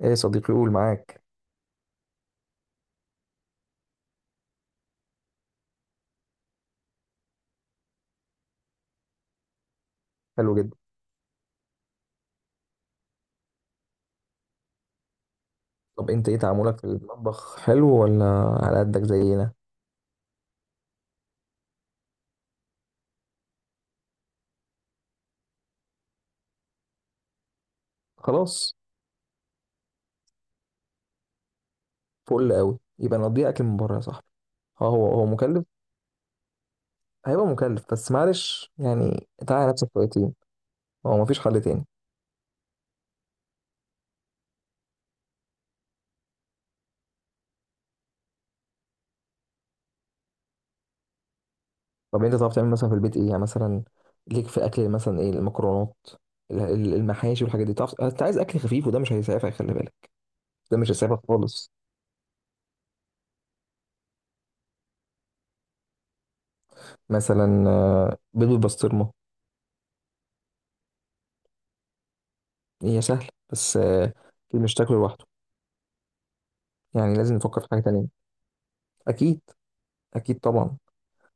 ايه يا صديقي، قول معاك. حلو جدا. طب انت ايه تعاملك في المطبخ؟ حلو ولا على قدك زينا؟ خلاص، فل قوي. يبقى نضيع اكل من بره يا صاحبي. اه، هو مكلف. هيبقى مكلف بس معلش، يعني تعالى نفسك شويتين. هو مفيش حل تاني؟ طب انت تعرف تعمل مثلا في البيت ايه؟ يعني مثلا ليك في الاكل مثلا ايه؟ المكرونات، المحاشي والحاجات دي؟ تعرف انت عايز اكل خفيف وده مش هيسعفك، خلي بالك. ده مش هيسعفك خالص. مثلا بيض بالبسطرمه. هي سهله بس مش تاكله لوحده، يعني لازم نفكر في حاجه تانية. اكيد، اكيد طبعا.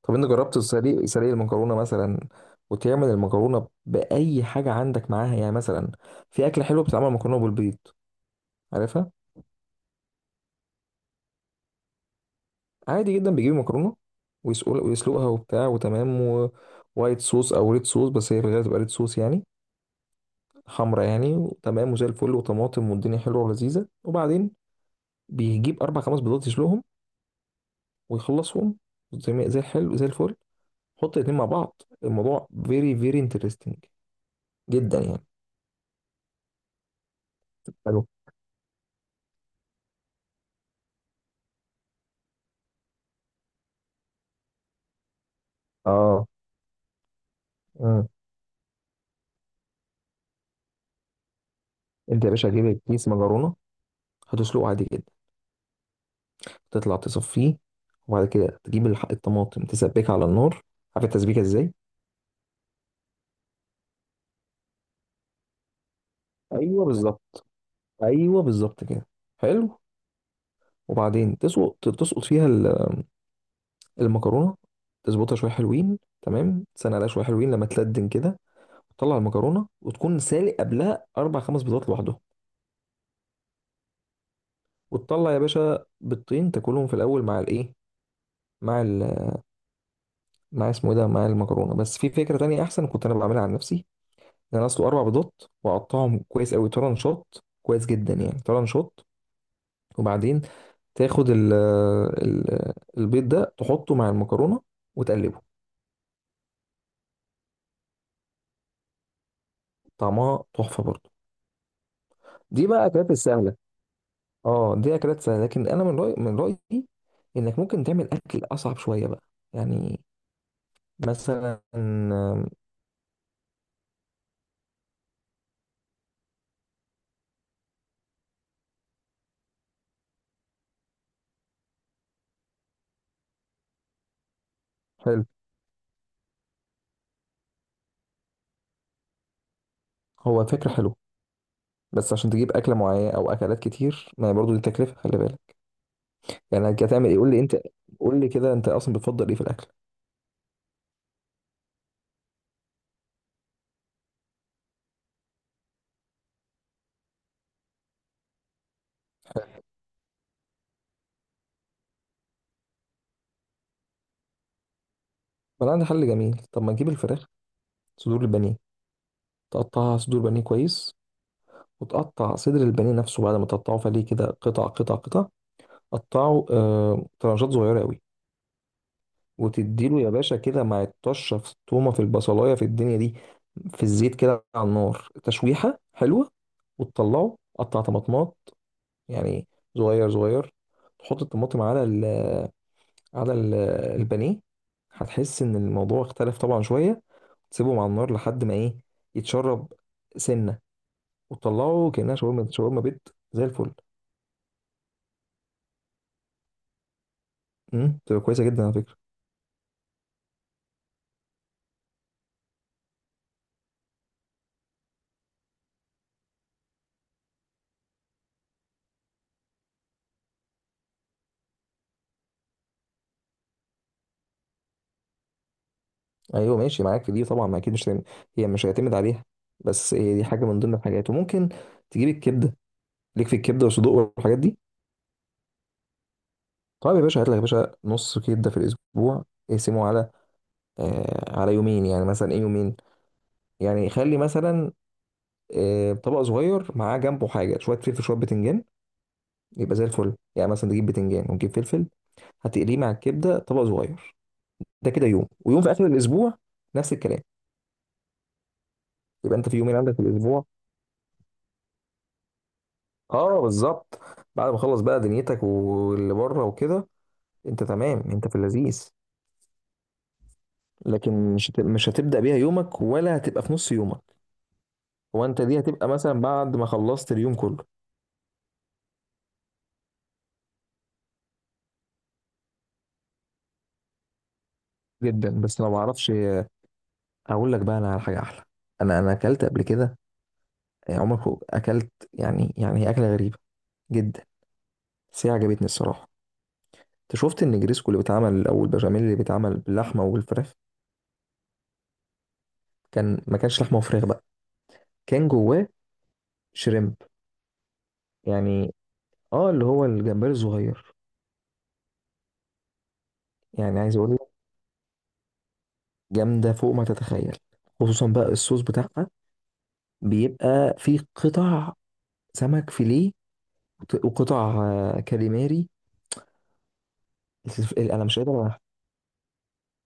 طب انت جربت سليق المكرونه مثلا؟ وتعمل المكرونه باي حاجه عندك معاها، يعني مثلا في اكله حلوه بتتعمل مكرونه بالبيض، عارفها؟ عادي جدا، بيجيب مكرونه ويسقل ويسلقها وبتاع، وتمام. ووايت صوص او ريد صوص، بس هي في الغالب تبقى ريد صوص يعني، حمرا يعني، وتمام، وزي الفل، وطماطم، والدنيا حلوه ولذيذه. وبعدين بيجيب اربع خمس بيضات يسلقهم ويخلصهم. زي ما- زي الحلو، زي الفل. حط الاتنين مع بعض، الموضوع فيري فيري انترستنج جدا يعني. اه. مم. انت يا باشا هتجيب كيس مكرونه، هتسلقه عادي جدا، تطلع تصفيه، وبعد كده تجيب الطماطم، تسبكها على النار. عارف التسبيكه ازاي؟ ايوه بالظبط. ايوه بالظبط كده. حلو. وبعدين تسقط فيها المكرونه، تظبطها شويه حلوين، تمام، تستنى عليها شويه حلوين لما تلدن كده. تطلع المكرونه، وتكون سالق قبلها اربع خمس بيضات لوحدهم. وتطلع يا باشا بيضتين تاكلهم في الاول مع الايه، مع ال... مع اسمه ايه ده، مع المكرونه. بس في فكره تانية احسن كنت انا بعملها عن نفسي. انا اسلق اربع بيضات واقطعهم كويس قوي طرنشات، كويس جدا يعني طرنشات. وبعدين تاخد ال البيض ده، تحطه مع المكرونه وتقلبه. طعمها تحفه برضه. دي بقى اكلات السهله. اه، دي اكلات سهله، لكن انا من رايي، انك ممكن تعمل اكل اصعب شويه بقى، يعني مثلا حلو. هو فكره حلوه، بس عشان تجيب اكله معينه او اكلات كتير، ما هي برضه دي تكلفه، خلي بالك. يعني هتعمل ايه؟ قول لي انت. قول لي كده، انت اصلا بتفضل ايه في الاكل؟ ما انا عندي حل جميل. طب ما تجيب الفراخ، صدور البانيه، تقطعها صدور بانيه كويس، وتقطع صدر البانيه نفسه بعد ما تقطعه فليه كده، قطع قطع قطع، قطعه طرنشات صغيره قوي. وتديله يا باشا كده مع الطشه، في التومه، في البصلايه، في الدنيا دي، في الزيت، كده على النار، تشويحه حلوه. وتطلعه قطع طماطمات يعني صغير صغير، تحط الطماطم على ال البانيه. هتحس ان الموضوع اختلف طبعا شويه. تسيبهم على النار لحد ما ايه، يتشرب سنه، وتطلعه كانها شاورما، شاورما بيت زي الفل. امم، تبقى كويسه جدا على فكره. ايوه، ماشي معاك في دي طبعا. ما اكيد مش هتعمل، هي مش هيعتمد عليها، بس هي دي حاجه من ضمن الحاجات. وممكن تجيب الكبده، ليك في الكبده والصدوق والحاجات دي. طيب يا باشا، هات لك يا باشا نص كبده في الاسبوع، اقسمه على على يومين، يعني مثلا ايه، يومين، يعني خلي مثلا طبق صغير، معاه جنبه حاجه، شويه فلفل، شويه بتنجان، يبقى زي الفل. يعني مثلا تجيب بتنجان ونجيب فلفل، هتقليه مع الكبده، طبق صغير. ده كده يوم، ويوم في اخر الاسبوع نفس الكلام. يبقى انت في يومين عندك في الاسبوع. اه بالظبط. بعد ما خلص بقى دنيتك واللي بره وكده، انت تمام، انت في اللذيذ. لكن مش هتبدا بيها يومك، ولا هتبقى في نص يومك. هو انت دي هتبقى مثلا بعد ما خلصت اليوم كله. جدا. بس لو ما اعرفش اقول لك بقى، انا على حاجه احلى. انا اكلت قبل كده. عمرك اكلت يعني، يعني هي اكله غريبه جدا، بس هي عجبتني الصراحه. انت شفت النجريسكو اللي بيتعمل، او البشاميل اللي بيتعمل باللحمه والفراخ؟ كان ما كانش لحمه وفراخ بقى، كان جواه شريمب يعني، اه، اللي هو الجمبري الصغير. يعني عايز اقول لك، جامده فوق ما تتخيل. خصوصا بقى الصوص بتاعها، بيبقى فيه قطع سمك فيليه، وقطع كاليماري. انا مش قادر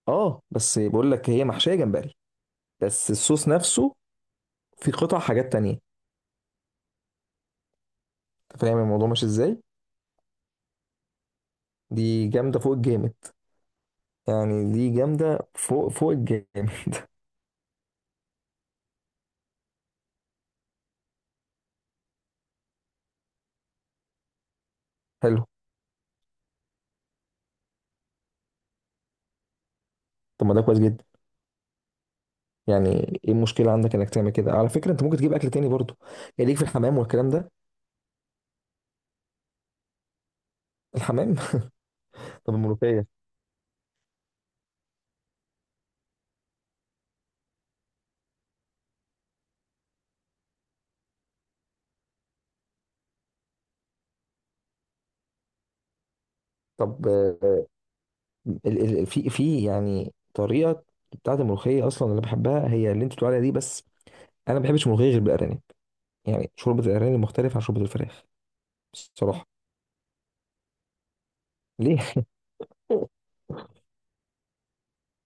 اه. بس بقول لك، هي محشيه جمبري، بس الصوص نفسه فيه قطع حاجات تانية. انت فاهم الموضوع ماشي ازاي؟ دي جامده فوق الجامد، يعني دي جامدة فوق الجامد. حلو. طب ما ده كويس جدا يعني. ايه المشكلة عندك انك تعمل كده؟ على فكرة، انت ممكن تجيب اكل تاني برضو. يعني ليك في الحمام والكلام ده؟ الحمام. طب الملوخية؟ طب ال في يعني طريقة بتاعت الملوخية اصلا اللي بحبها هي اللي انت بتقول عليها دي. بس انا ما بحبش الملوخية غير بالارانب. يعني شوربة الارانب مختلفة عن شوربة الفراخ بصراحة. ليه؟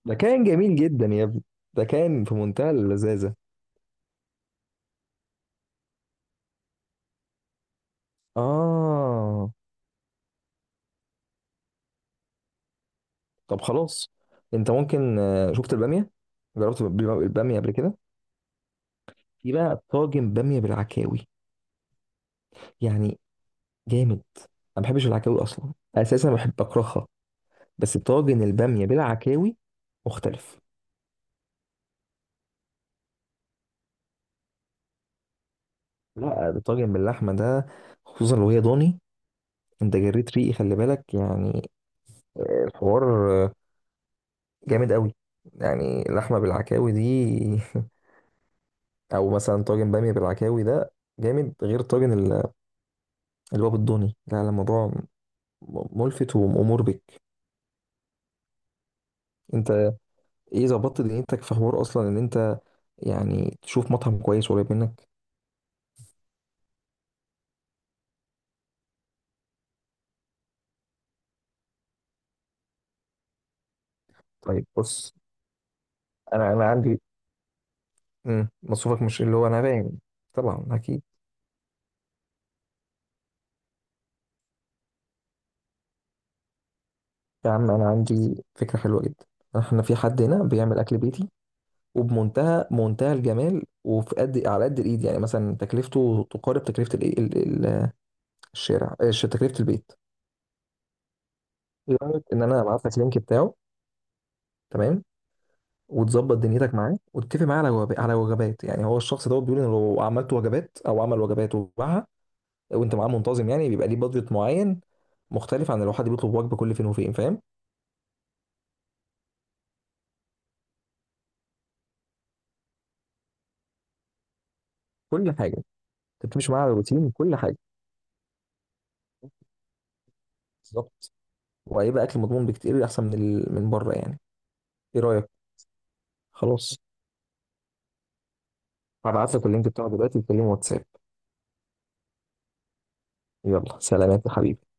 ده كان جميل جدا يا ابني، ده كان في منتهى اللذاذة. اه. طب خلاص، انت ممكن شفت الباميه؟ جربت الباميه قبل كده؟ في بقى طاجن باميه بالعكاوي يعني، جامد. انا ما بحبش العكاوي اصلا، اساسا بحب اكرهها، بس طاجن الباميه بالعكاوي مختلف. لا، الطاجن باللحمه ده، خصوصا لو هي ضاني، انت جريت ريقي، خلي بالك يعني. الحوار جامد قوي، يعني لحمه بالعكاوي دي. او مثلا طاجن باميه بالعكاوي ده جامد غير طاجن اللي هو بالضاني. لا لا، الموضوع ملفت ومأمور بك. انت ايه ظبطت دنيتك في حوار اصلا ان انت يعني تشوف مطعم كويس قريب منك؟ طيب بص، انا عندي، امم، مصروفك مش اللي هو انا باين. طبعا اكيد. يا عم انا عندي فكره حلوه جدا. احنا في حد هنا بيعمل اكل بيتي، وبمنتهى الجمال، وفي قد على قد الايد. يعني مثلا تكلفته تقارب تكلفه الايه، ال- الشارع. تكلفه البيت. ايه رايك ان انا ابعت لك لينك بتاعه؟ تمام. وتظبط دنيتك معاه، وتتفق معاه على وجب- على وجبات. يعني هو الشخص دوت بيقول ان لو عملت وجبات او عمل وجبات وباعها، وانت معاه منتظم، يعني بيبقى ليه بادجت معين، مختلف عن لو حد بيطلب وجبه كل فين وفين، فاهم؟ كل حاجه. انت بتمشي معاه على روتين كل حاجه. بالظبط. وهيبقى اكل مضمون بكتير احسن من ال... من بره يعني. ايه رايك؟ خلاص، هبعت لك اللينك بتاعه دلوقتي، تكلمه واتساب. يلا سلامات يا حبيبي.